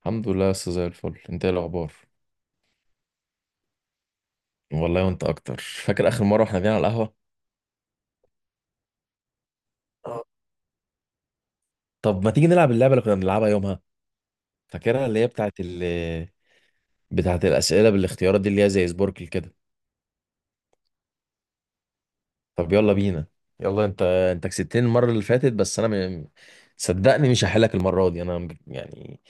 الحمد لله يا أستاذ، زي الفل. انت ايه الاخبار؟ والله وانت اكتر. فاكر اخر مره احنا قاعدين على القهوه؟ آه. طب ما تيجي نلعب اللعبه اللي كنا بنلعبها يومها؟ فاكرها؟ اللي هي بتاعت بتاعت الاسئله بالاختيارات دي، اللي هي زي سبوركل كده. طب يلا بينا. يلا، انت كسبتني المره اللي فاتت بس انا صدقني مش هحلك المره دي انا يعني.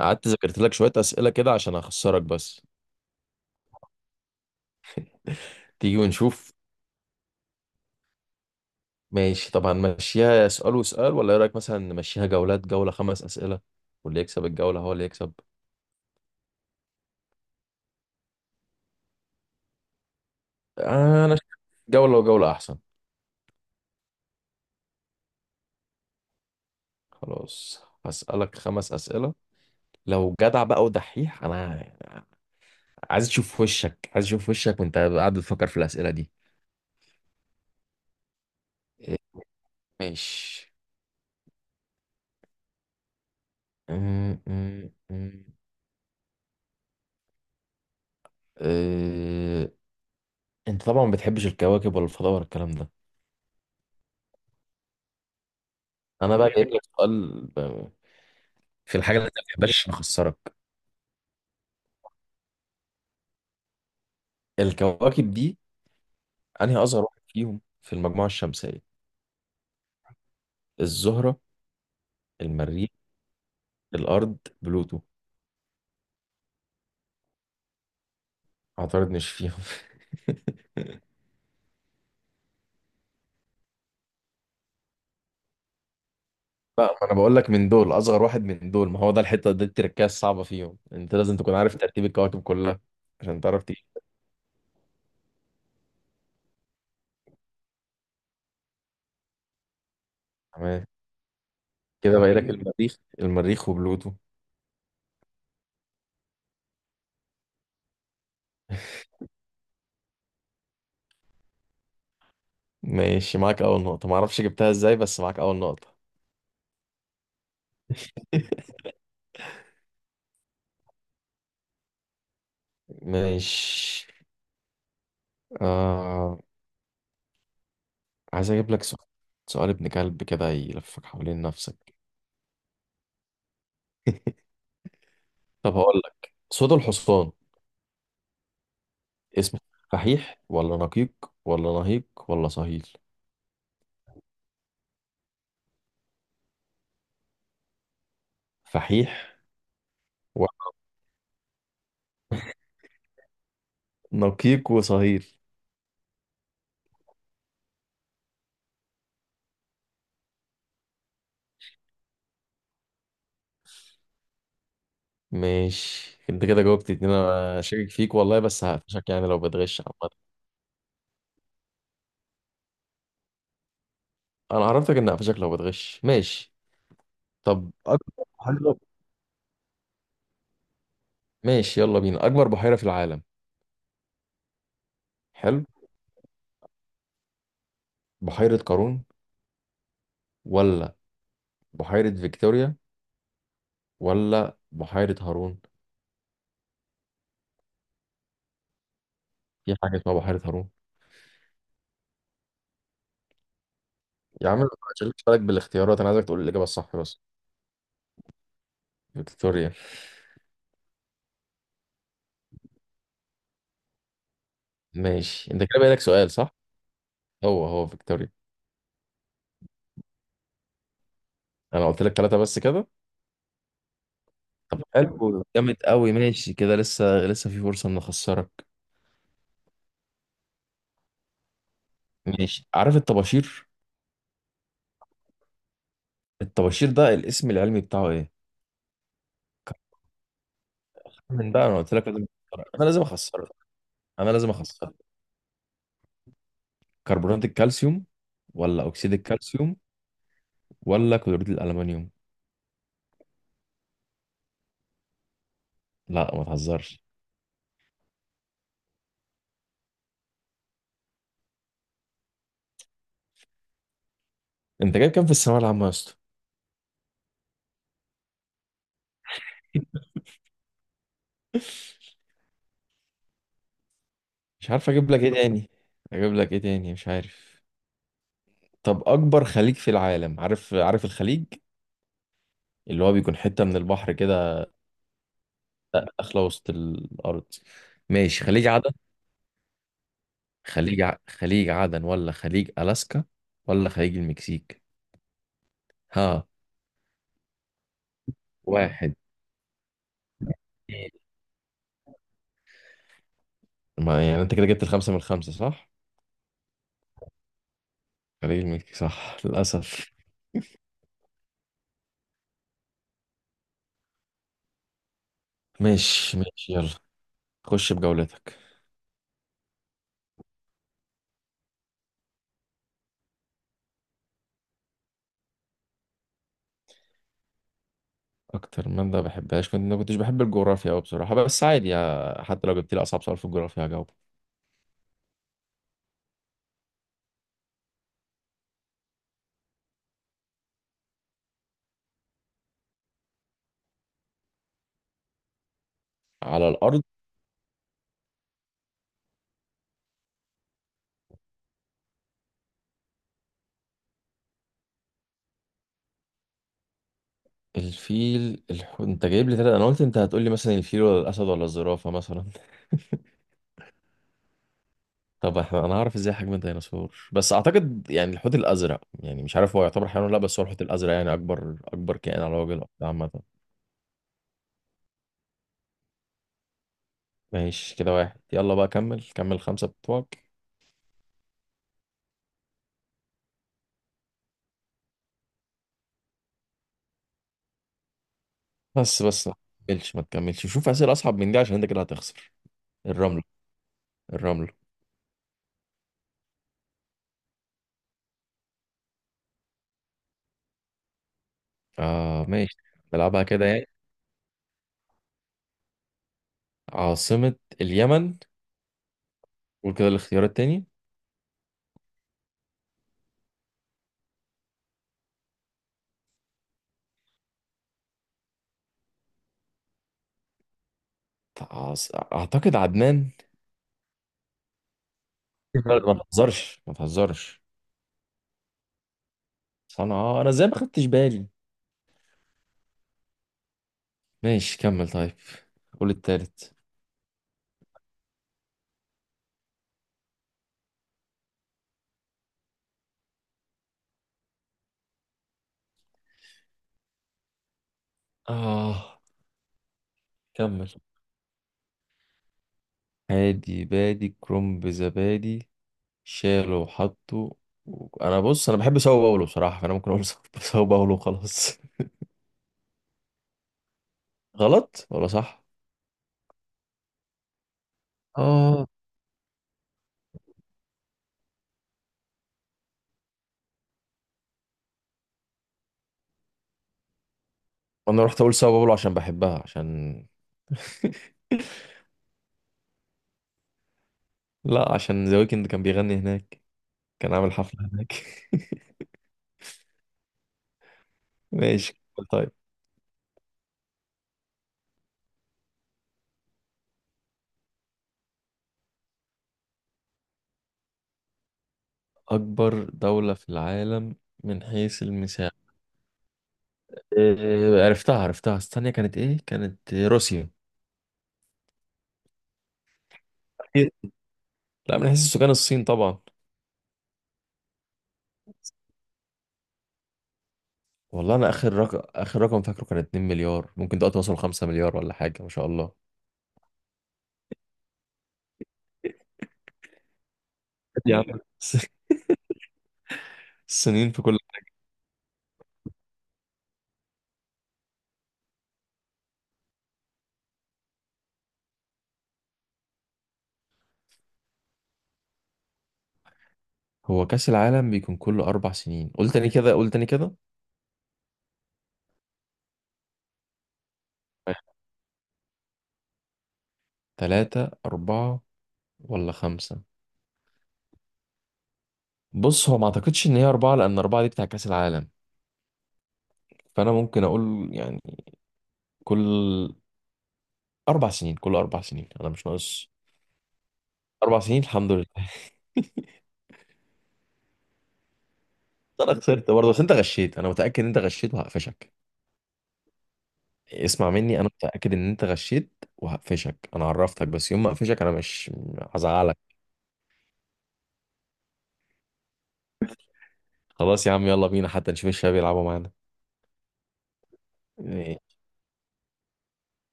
قعدت ذاكرت لك شويه اسئله كده عشان اخسرك بس. تيجي ونشوف. ماشي، طب هنمشيها سؤال وسؤال ولا ايه رايك؟ مثلا نمشيها جولات، جوله خمس اسئله واللي يكسب الجوله هو اللي يكسب. انا شايف جولة وجولة احسن. خلاص، هسألك خمس أسئلة لو جدع بقى ودحيح. انا عايز اشوف وشك، عايز اشوف وشك وانت قاعد بتفكر في الأسئلة دي. إيه، ماشي. أم- أم- أم. أه، انت طبعا ما بتحبش الكواكب ولا الفضاء ولا الكلام ده. انا بقى جايب لك سؤال في الحاجة اللي انت ما بتحبهاش نخسرك. الكواكب دي، انهي اصغر واحد فيهم في المجموعة الشمسية؟ الزهرة، المريخ، الارض، بلوتو. اعترضنيش فيهم. لا، ما انا بقول لك من دول اصغر واحد، من دول. ما هو ده الحته دي التركية الصعبه فيهم، انت لازم تكون عارف ترتيب الكواكب كلها عشان تعرف تيجي. تمام، كده باقي لك المريخ، وبلوتو. ماشي، معاك اول نقطه. ما اعرفش جبتها ازاي بس معاك اول نقطه. ماشي. آه... عايز اجيب لك سؤال، سؤال ابن كلب كده يلفك حوالين نفسك. طب هقول لك صوت الحصان اسمه فحيح، ولا نقيق، ولا نهيق، ولا صهيل؟ فحيح، نقيق وصهيل. ماشي، انت كده جاوبت اتنين. انا شاكك فيك والله، بس هقفشك يعني لو بتغش عامة. انا عرفتك ان هقفشك لو بتغش، ماشي. طب اكبر بحيرة. ماشي يلا بينا، اكبر بحيرة في العالم. حلو، بحيرة قارون، ولا بحيرة فيكتوريا، ولا بحيرة هارون؟ في حاجة اسمها بحيرة هارون. يا عم، ما تشغلش بالك بالاختيارات، انا عايزك تقول الإجابة الصح بس. فيكتوريا. ماشي، انت كده بقى لك سؤال صح. هو فيكتوريا. انا قلت لك ثلاثة بس كده. طب حلو، جامد قوي. ماشي كده، لسه لسه في فرصة ان اخسرك. ماشي، عارف الطباشير؟ الطباشير ده الاسم العلمي بتاعه ايه؟ من ده انا قلت لك لازم اخسرك، انا لازم اخسرك، انا لازم اخسرك. كربونات الكالسيوم، ولا اكسيد الكالسيوم، ولا كلوريد الالمنيوم؟ لا ما تهزرش. انت جايب كام في الثانوية العامة يا اسطى؟ مش عارف اجيب لك ايه تاني، اجيب لك ايه تاني مش عارف. طب اكبر خليج في العالم؟ عارف، عارف الخليج اللي هو بيكون حتة من البحر كده داخله وسط الارض؟ ماشي، خليج عدن، خليج عدن، ولا خليج الاسكا، ولا خليج المكسيك؟ ها؟ واحد، اتنين. ما يعني انت كده جبت الخمسه من الخمسه صح. خليج المكسيك صح، للاسف. ماشي ماشي، يلا خش بجولتك. اكتر ماده بحبهاش، كنت ما كنتش بحب الجغرافيا قوي بصراحه، بس عادي يا... حتى لو جبت لي اصعب سؤال في الجغرافيا هجاوبه. على الارض. الفيل، انت جايب لي ثلاثة. انا قلت انت هتقول لي مثلا الفيل ولا الاسد ولا الزرافه مثلا. طب احنا انا هعرف ازاي حجم الديناصور؟ بس اعتقد يعني الحوت الازرق، يعني مش عارف هو يعتبر حيوان ولا لا، بس هو الحوت الازرق يعني اكبر كائن على وجه الارض عامه. ماشي كده واحد. يلا بقى كمل، كمل خمسه بتوعك. بس ما تكملش شوف اسئله اصعب من دي عشان انت كده هتخسر. الرمله، الرمله. اه ماشي. نلعبها كده يعني. عاصمه اليمن. قول كده الاختيار التاني. اعتقد عدنان. لا، ما تهزرش، ما تهزرش. صنعاء، انا ازاي ما خدتش بالي؟ ماشي كمل، طيب. قول التالت. آه كمل. هادي بادي كرنب زبادي، شاله وحطه. انا بص، انا بحب ساو باولو بصراحه، فانا ممكن اقول ساو باولو وخلاص. غلط ولا صح؟ آه. انا رحت اقول ساو باولو عشان بحبها، عشان لا، عشان ذا ويكند كان بيغني هناك، كان عامل حفله هناك. ماشي، طيب. اكبر دوله في العالم من حيث المساحه. إيه، عرفتها عرفتها، استنى كانت ايه؟ كانت روسيا. إيه؟ لا، من حيث السكان الصين طبعا. والله انا اخر رقم، اخر رقم فاكره كان 2 مليار، ممكن دلوقتي وصلوا 5 مليار ولا حاجه، ما شاء الله. يا عم. السنين في كل. هو كاس العالم بيكون كل اربع سنين، قلت تاني كده، قلت تاني كده. ثلاثة، أربعة، ولا خمسة؟ بص، هو ما أعتقدش إن هي أربعة، لأن أربعة دي بتاع كأس العالم، فأنا ممكن أقول يعني كل أربع سنين كل أربع سنين، أنا مش ناقص. أربع سنين، الحمد لله. أنا خسرت برضه بس أنت غشيت، أنا متأكد إن أنت غشيت وهقفشك. اسمع مني، انا متاكد ان انت غشيت وهقفشك. انا عرفتك، بس يوم ما اقفشك انا مش هزعلك. خلاص يا عم، يلا بينا، حتى نشوف الشباب يلعبوا معانا. إيه،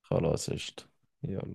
خلاص قشطة. يلا